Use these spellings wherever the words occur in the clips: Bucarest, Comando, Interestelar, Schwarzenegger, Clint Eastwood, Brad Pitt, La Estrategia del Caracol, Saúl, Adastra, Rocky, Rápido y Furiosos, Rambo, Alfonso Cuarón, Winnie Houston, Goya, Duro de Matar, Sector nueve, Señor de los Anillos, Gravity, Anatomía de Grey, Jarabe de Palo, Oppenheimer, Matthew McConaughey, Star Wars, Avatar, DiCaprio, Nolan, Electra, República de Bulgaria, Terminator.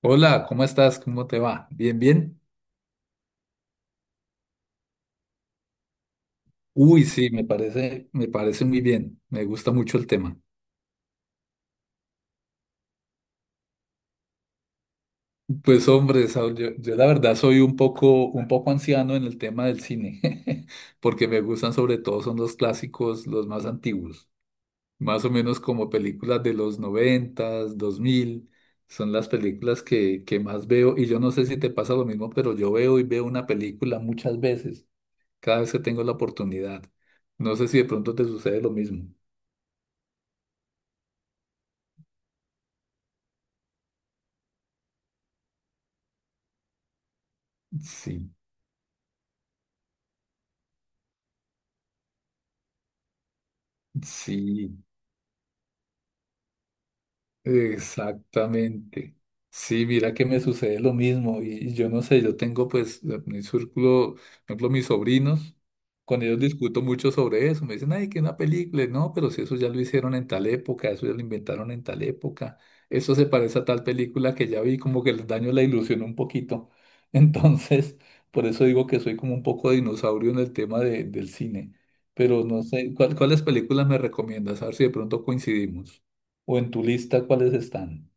Hola, ¿cómo estás? ¿Cómo te va? ¿Bien, bien? Uy, sí, me parece muy bien. Me gusta mucho el tema. Pues hombre, Saúl, yo la verdad soy un poco anciano en el tema del cine, porque me gustan sobre todo son los clásicos, los más antiguos, más o menos como películas de los noventas, dos mil, son las películas que más veo. Y yo no sé si te pasa lo mismo, pero yo veo y veo una película muchas veces, cada vez que tengo la oportunidad. No sé si de pronto te sucede lo mismo. Sí, sí. Exactamente. Sí, mira que me sucede lo mismo y yo no sé, yo tengo pues mi círculo, por ejemplo, mis sobrinos, con ellos discuto mucho sobre eso, me dicen, ay, que una película, no, pero si eso ya lo hicieron en tal época, eso ya lo inventaron en tal época, eso se parece a tal película que ya vi, como que les daño la ilusión un poquito. Entonces, por eso digo que soy como un poco dinosaurio en el tema del cine, pero no sé, ¿cuáles películas me recomiendas? A ver si de pronto coincidimos o en tu lista, ¿cuáles están?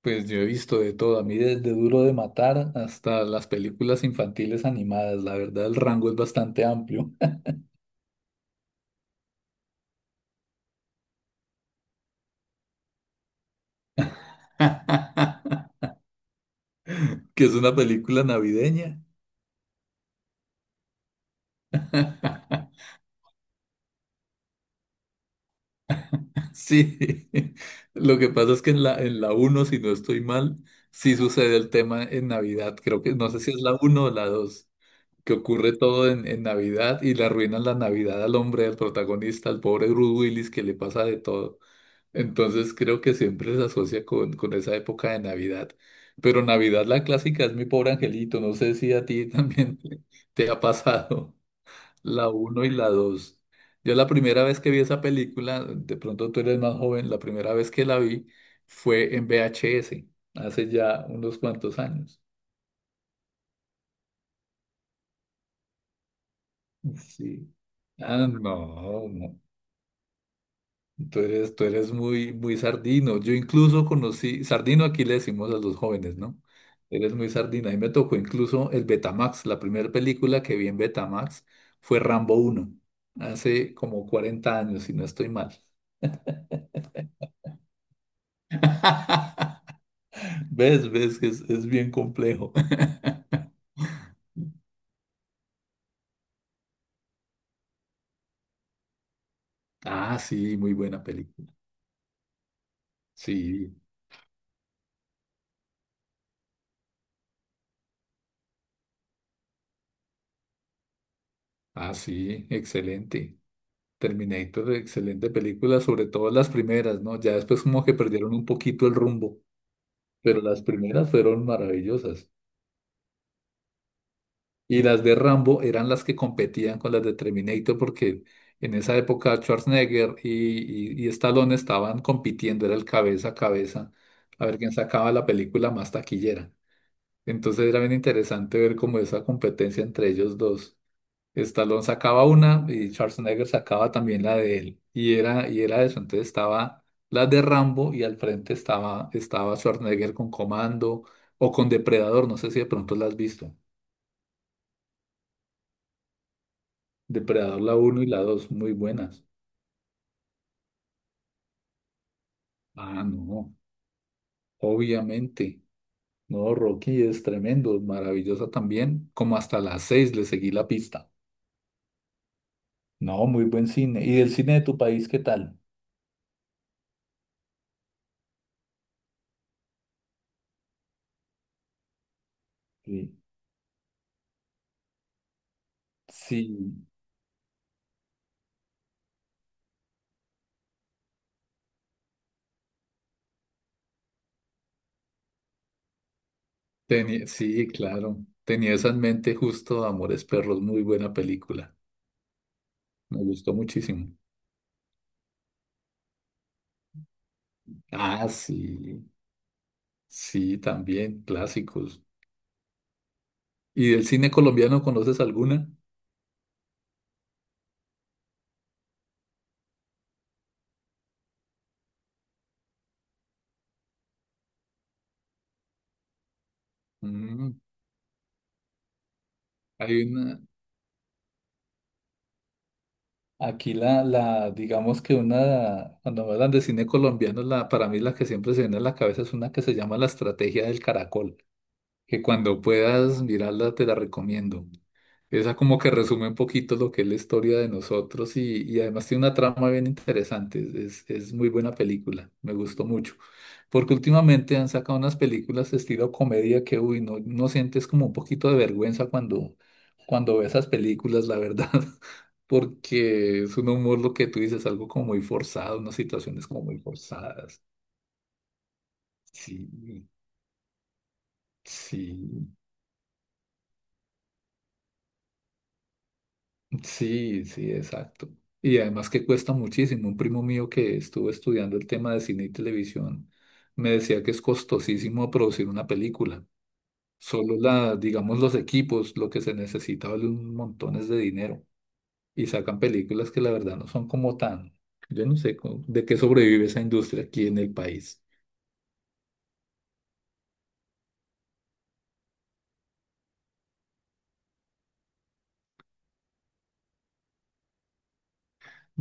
Pues yo he visto de todo, a mí desde Duro de Matar hasta las películas infantiles animadas. La verdad, el rango es bastante amplio. Que es una película navideña. Sí, lo que pasa es que en la uno si no estoy mal, sí sucede el tema en Navidad. Creo que no sé si es la uno o la 2 que ocurre todo en Navidad y le arruinan la Navidad al hombre, al protagonista, al pobre Bruce Willis, que le pasa de todo. Entonces creo que siempre se asocia con esa época de Navidad. Pero Navidad la clásica es Mi Pobre Angelito. No sé si a ti también te ha pasado la uno y la 2. Yo la primera vez que vi esa película, de pronto tú eres más joven, la primera vez que la vi fue en VHS, hace ya unos cuantos años. Sí. Ah, no, no. Tú eres muy, muy sardino. Yo incluso conocí, sardino aquí le decimos a los jóvenes, ¿no? Eres muy sardina. Y me tocó incluso el Betamax. La primera película que vi en Betamax fue Rambo uno hace como 40 años, si no estoy mal. ¿Ves? ¿Ves que es bien complejo? Ah, sí, muy buena película. Sí, ah, sí, excelente. Terminator, excelente película, sobre todo las primeras, ¿no? Ya después como que perdieron un poquito el rumbo. Pero las primeras fueron maravillosas. Y las de Rambo eran las que competían con las de Terminator porque en esa época Schwarzenegger y Stallone estaban compitiendo, era el cabeza a cabeza, a ver quién sacaba la película más taquillera. Entonces era bien interesante ver como esa competencia entre ellos dos. Stallone sacaba una y Schwarzenegger sacaba también la de él. Y era eso. Entonces estaba la de Rambo y al frente estaba Schwarzenegger con Comando o con Depredador. No sé si de pronto la has visto. Depredador la uno y la 2 muy buenas. Ah, no, obviamente. No, Rocky es tremendo, maravillosa también. Como hasta las 6 le seguí la pista. No, muy buen cine. ¿Y el cine de tu país qué tal? Sí. Sí. Sí, claro. Tenía esa en mente justo Amores Perros, muy buena película. Me gustó muchísimo. Ah, sí, sí, también, clásicos. ¿Y del cine colombiano conoces alguna? Mm, hay una, aquí digamos que una, cuando hablan de cine colombiano, la, para mí la que siempre se viene a la cabeza es una que se llama La Estrategia del Caracol, que cuando puedas mirarla te la recomiendo. Esa como que resume un poquito lo que es la historia de nosotros y además tiene una trama bien interesante. Es muy buena película, me gustó mucho. Porque últimamente han sacado unas películas estilo comedia que, uy, no, no sientes como un poquito de vergüenza cuando ves esas películas, la verdad. Porque es un humor lo que tú dices, algo como muy forzado, unas situaciones como muy forzadas. Sí, sí. Sí, sí, exacto. Y además que cuesta muchísimo. Un primo mío que estuvo estudiando el tema de cine y televisión me decía que es costosísimo producir una película. Solo la, digamos, los equipos, lo que se necesita vale un montones de dinero. Y sacan películas que la verdad no son como tan, yo no sé de qué sobrevive esa industria aquí en el país.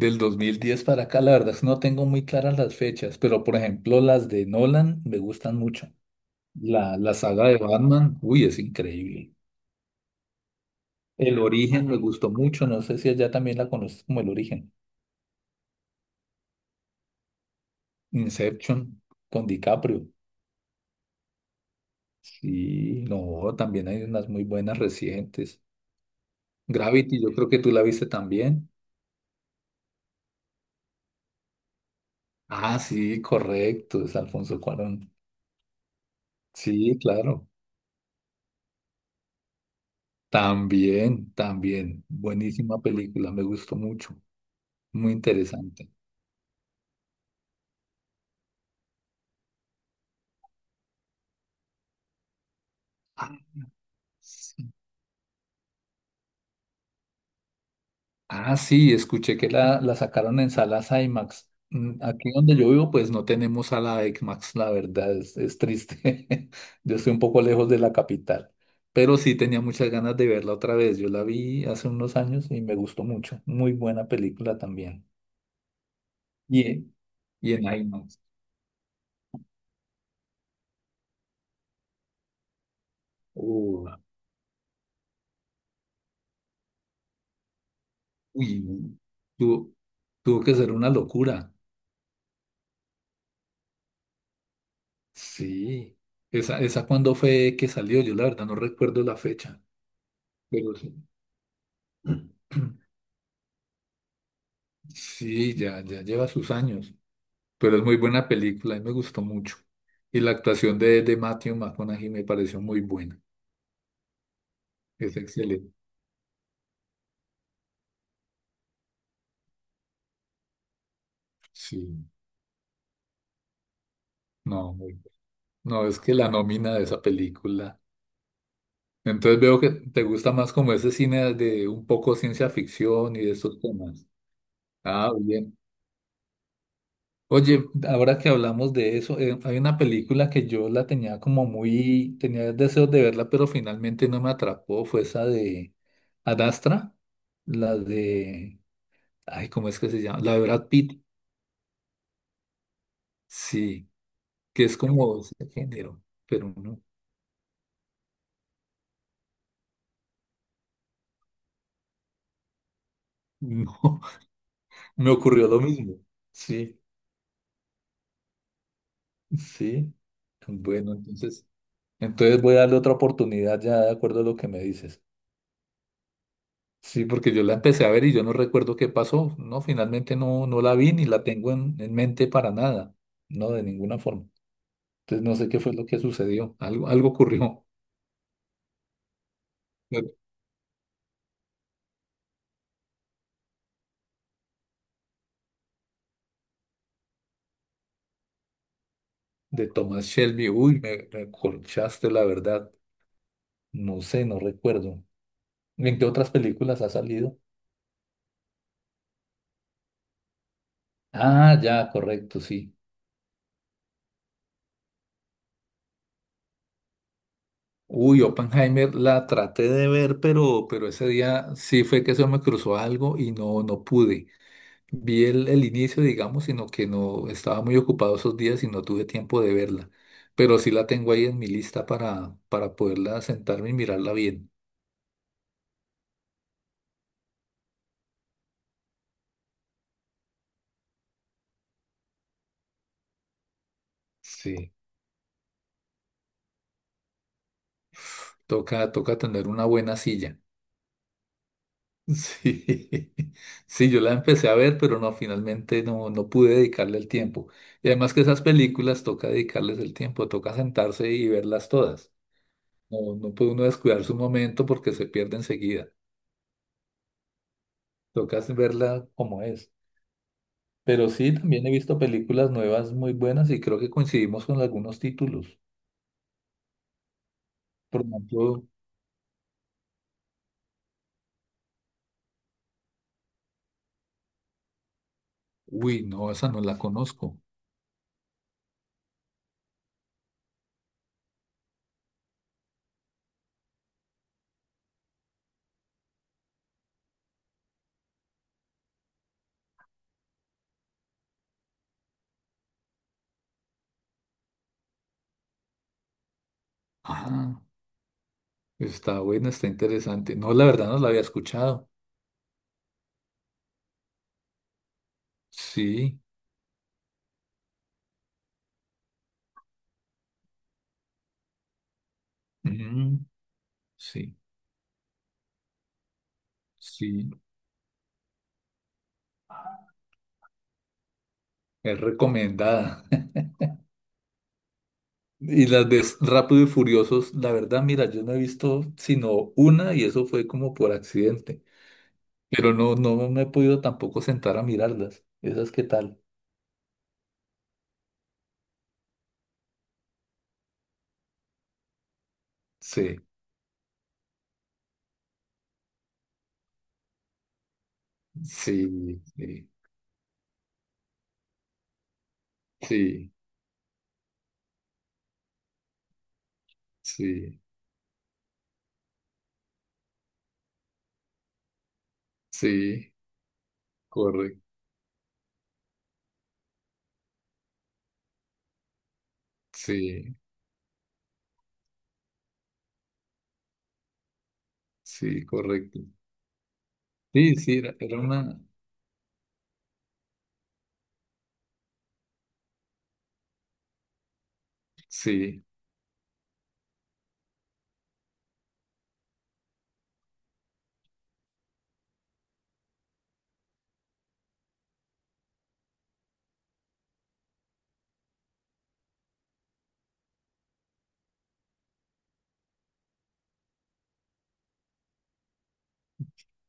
Del 2010 para acá, la verdad es que no tengo muy claras las fechas, pero por ejemplo las de Nolan me gustan mucho. La saga de Batman, uy, es increíble. El origen me gustó mucho, no sé si allá también la conoces como el origen. Inception con DiCaprio. Sí, no, también hay unas muy buenas recientes. Gravity, yo creo que tú la viste también. Ah, sí, correcto, es Alfonso Cuarón. Sí, claro. También, también. Buenísima película, me gustó mucho. Muy interesante. Ah, sí. Ah, sí, escuché que la sacaron en salas IMAX. Aquí donde yo vivo, pues no tenemos sala IMAX, la verdad, es triste. Yo estoy un poco lejos de la capital, pero sí tenía muchas ganas de verla otra vez. Yo la vi hace unos años y me gustó mucho. Muy buena película también. Y, en- y en IMAX. Uh, Uy, tuvo, tuvo que ser una locura. Sí. ¿Esa cuándo fue que salió? Yo la verdad no recuerdo la fecha, pero sí. Sí, ya, ya lleva sus años, pero es muy buena película, a mí me gustó mucho. Y la actuación de Matthew McConaughey me pareció muy buena, es excelente. Sí, no, no, es que la nómina de esa película. Entonces veo que te gusta más como ese cine de un poco ciencia ficción y de esos temas. Ah, bien. Oye, ahora que hablamos de eso, hay una película que yo la tenía como muy, tenía deseos de verla, pero finalmente no me atrapó, fue esa de Adastra, la de, ay, ¿cómo es que se llama? La de Brad Pitt, sí, que es como ese género, pero no, no, me ocurrió lo mismo, sí, sí, bueno, entonces voy a darle otra oportunidad ya de acuerdo a lo que me dices. Sí, porque yo la empecé a ver y yo no recuerdo qué pasó. No, finalmente no, no la vi ni la tengo en mente para nada. No, de ninguna forma. Entonces no sé qué fue lo que sucedió. Algo, algo ocurrió de, de Thomas Shelby. Uy, me colchaste la verdad. No sé, no recuerdo. ¿En qué otras películas ha salido? Ah, ya, correcto, sí. Uy, Oppenheimer la traté de ver, pero ese día sí fue que se me cruzó algo y no, no pude. Vi el inicio, digamos, sino que no estaba muy ocupado esos días y no tuve tiempo de verla. Pero sí la tengo ahí en mi lista para poderla sentarme y mirarla bien. Sí. Toca, toca tener una buena silla. Sí, sí, yo la empecé a ver, pero no, finalmente no, no pude dedicarle el tiempo. Y además que esas películas toca dedicarles el tiempo, toca sentarse y verlas todas. No, no puede uno descuidar su momento porque se pierde enseguida. Toca verla como es. Pero sí, también he visto películas nuevas muy buenas y creo que coincidimos con algunos títulos. Por ejemplo, uy, no, esa no la conozco. Ah, está buena, está interesante. No, la verdad no la había escuchado. Sí, mm, sí, sí, es recomendada. Y las de Rápido y Furiosos, la verdad, mira, yo no he visto sino una y eso fue como por accidente. Pero no, no me he podido tampoco sentar a mirarlas. ¿Esas qué tal? Sí, sí, sí. Sí, sí, sí, correcto, sí, sí, correcto. Sí, sí, era una, sí,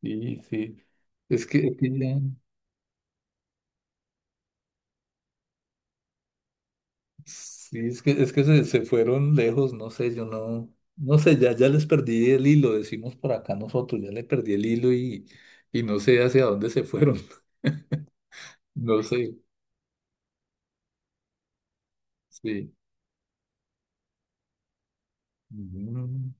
sí, sí. Es que sí, es que se fueron lejos, no sé, yo no, no sé, ya, ya les perdí el hilo, decimos por acá nosotros, ya le perdí el hilo y no sé hacia dónde se fueron, no sé, sí, Mm,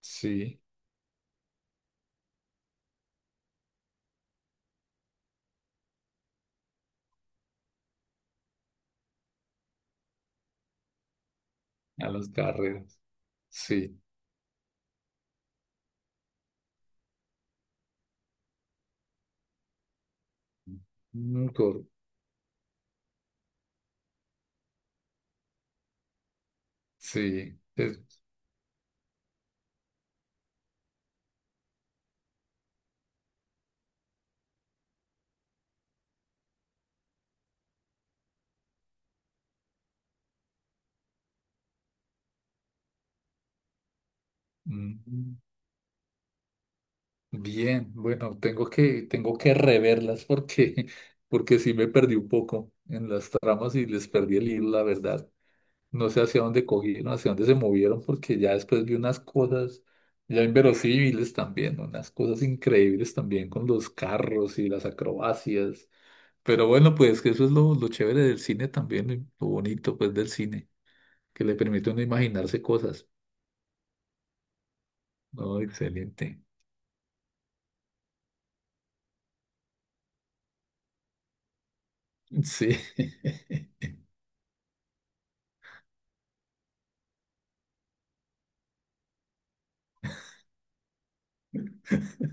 sí, a las carreras, sí, Mm, sí, mm. Bien, bueno, tengo que reverlas porque, porque sí me perdí un poco en las tramas y les perdí el hilo, la verdad. No sé hacia dónde cogieron, hacia dónde se movieron, porque ya después vi unas cosas ya inverosímiles también, unas cosas increíbles también con los carros y las acrobacias. Pero bueno, pues que eso es lo, chévere del cine también, y lo bonito pues del cine, que le permite a uno imaginarse cosas. No, excelente. Sí.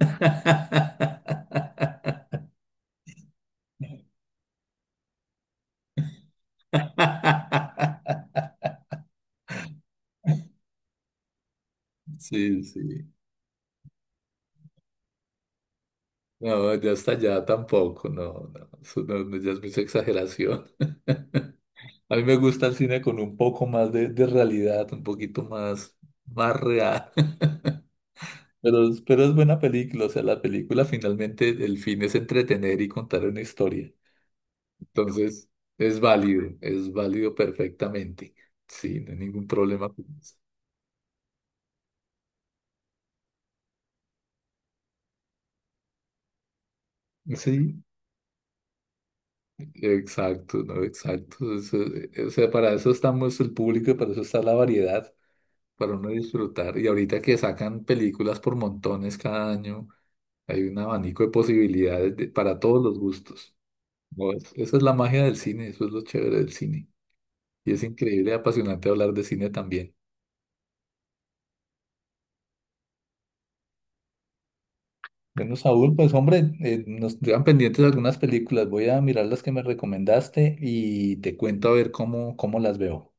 Sí, sí. No, ya hasta allá tampoco, no, no, eso no, ya es mucha exageración. A mí me gusta el cine con un poco más de realidad, un poquito más, más real. Pero, pero es buena película, o sea, la película finalmente el fin es entretener y contar una historia. Entonces, es válido perfectamente. Sí, no hay ningún problema con eso. Sí. Exacto, no, exacto. O sea, para eso estamos el público y para eso está la variedad, para uno disfrutar. Y ahorita que sacan películas por montones cada año, hay un abanico de posibilidades para todos los gustos. No, esa es la magia del cine, eso es lo chévere del cine. Y es increíble y apasionante hablar de cine también. Bueno, Saúl, pues hombre, nos quedan pendientes algunas películas. Voy a mirar las que me recomendaste y te cuento a ver cómo, cómo las veo.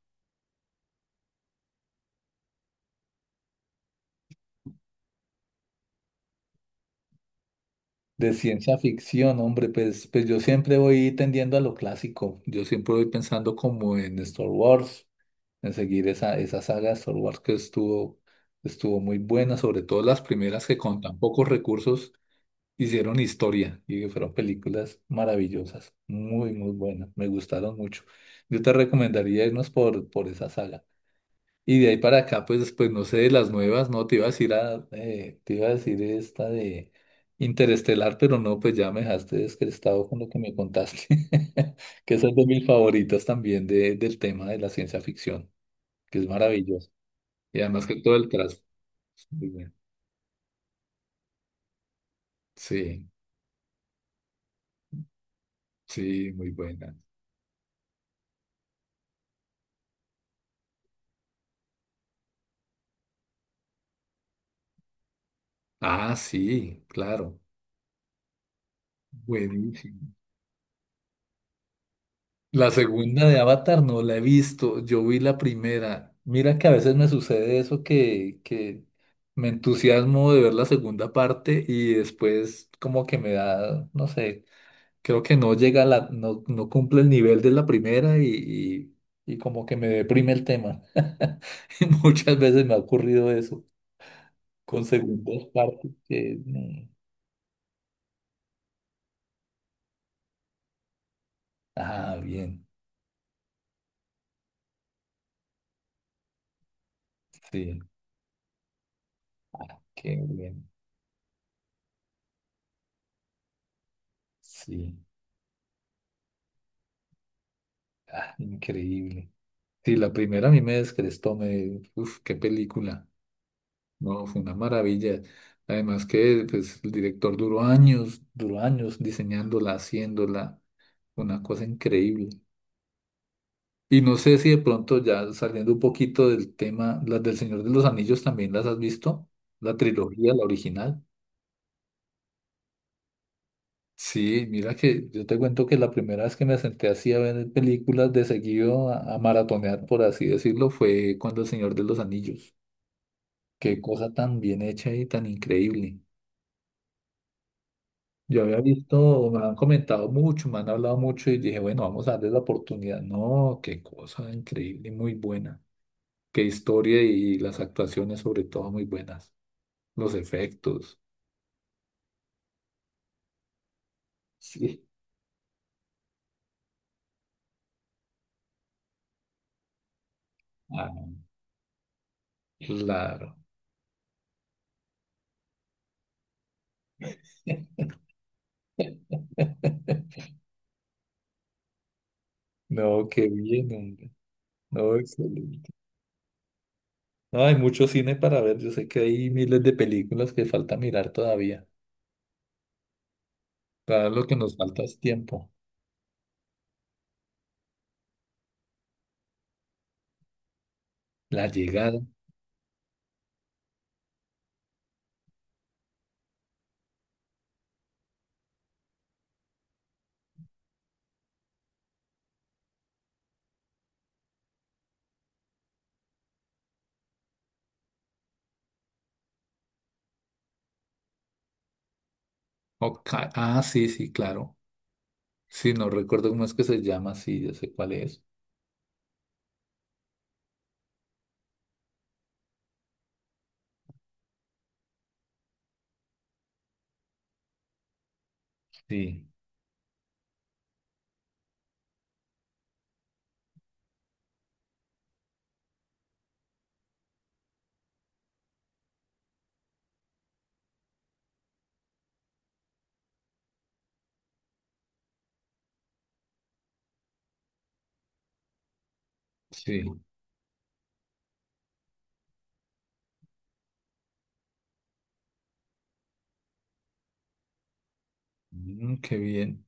De ciencia ficción, hombre, pues yo siempre voy tendiendo a lo clásico. Yo siempre voy pensando como en Star Wars, en seguir esa, esa saga de Star Wars que estuvo, estuvo muy buena, sobre todo las primeras que con tan pocos recursos hicieron historia y que fueron películas maravillosas, muy, muy buenas, me gustaron mucho. Yo te recomendaría irnos por esa saga. Y de ahí para acá, pues después, no sé, de las nuevas, no, te iba a decir a, te iba a decir esta de Interestelar, pero no, pues ya me dejaste descrestado con lo que me contaste, que esa es de mis favoritas también de, del tema de la ciencia ficción, que es maravilloso. Y además que todo el tras. Muy bueno. Sí, sí, muy buena. Ah, sí, claro, buenísimo. La segunda de Avatar no la he visto, yo vi la primera. Mira que a veces me sucede eso que me entusiasmo de ver la segunda parte y después como que me da, no sé, creo que no llega a la, no, no cumple el nivel de la primera y como que me deprime el tema. Y muchas veces me ha ocurrido eso con segundas partes Ah, bien, sí, qué bien, sí, ah, increíble. Sí, la primera a mí me descrestó, me, uf, qué película. No, fue una maravilla. Además que pues, el director duró años diseñándola, haciéndola, una cosa increíble. Y no sé si de pronto ya saliendo un poquito del tema, las del Señor de los Anillos también las has visto, la trilogía, la original. Sí, mira que yo te cuento que la primera vez que me senté así a ver películas de seguido, a maratonear, por así decirlo, fue cuando El Señor de los Anillos. Qué cosa tan bien hecha y tan increíble. Yo había visto, me han comentado mucho, me han hablado mucho y dije, bueno, vamos a darle la oportunidad. No, qué cosa increíble, muy buena. Qué historia y las actuaciones sobre todo muy buenas. Los efectos. Sí. Ah, claro. No, qué bien, hombre. No, excelente. No, hay mucho cine para ver. Yo sé que hay miles de películas que falta mirar todavía. Claro, lo que nos falta es tiempo. La llegada. Hawkeye. Ah, sí, sí, claro. Sí, no recuerdo cómo es que se llama, sí, ya sé cuál es. Sí, sí. Mm, qué bien.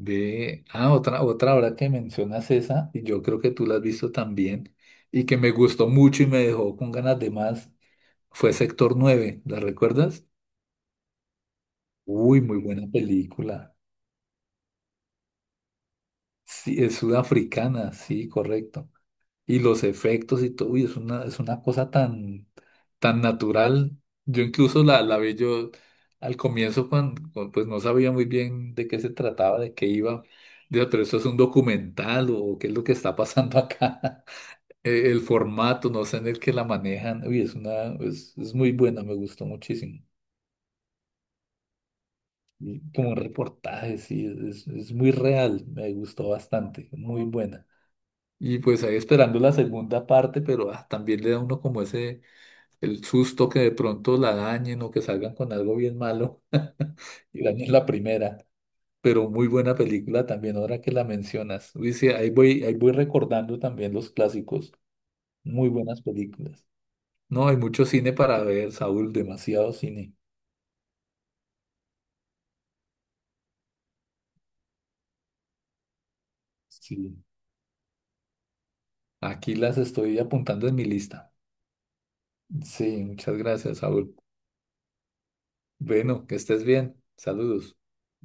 Ve, ah, otra, otra ahora que mencionas esa, y yo creo que tú la has visto también, y que me gustó mucho y me dejó con ganas de más, fue Sector 9, ¿la recuerdas? Uy, muy buena película. Sí, es sudafricana, sí, correcto. Y los efectos y todo, uy, es una cosa tan, tan natural. Yo incluso la vi yo al comienzo cuando, pues no sabía muy bien de qué se trataba, de qué iba. Digo, pero esto es un documental o qué es lo que está pasando acá. El formato, no sé en el que la manejan. Uy, es una, es muy buena, me gustó muchísimo. Y como reportaje, sí, es muy real, me gustó bastante, muy buena. Y pues ahí esperando la segunda parte, pero ah, también le da uno como ese, el susto que de pronto la dañen o que salgan con algo bien malo y dañen la primera. Pero muy buena película también, ahora que la mencionas. Dice, ahí voy recordando también los clásicos. Muy buenas películas. No, hay mucho cine para ver, Saúl, demasiado cine. Sí. Aquí las estoy apuntando en mi lista. Sí, muchas gracias, Saúl. Bueno, que estés bien. Saludos.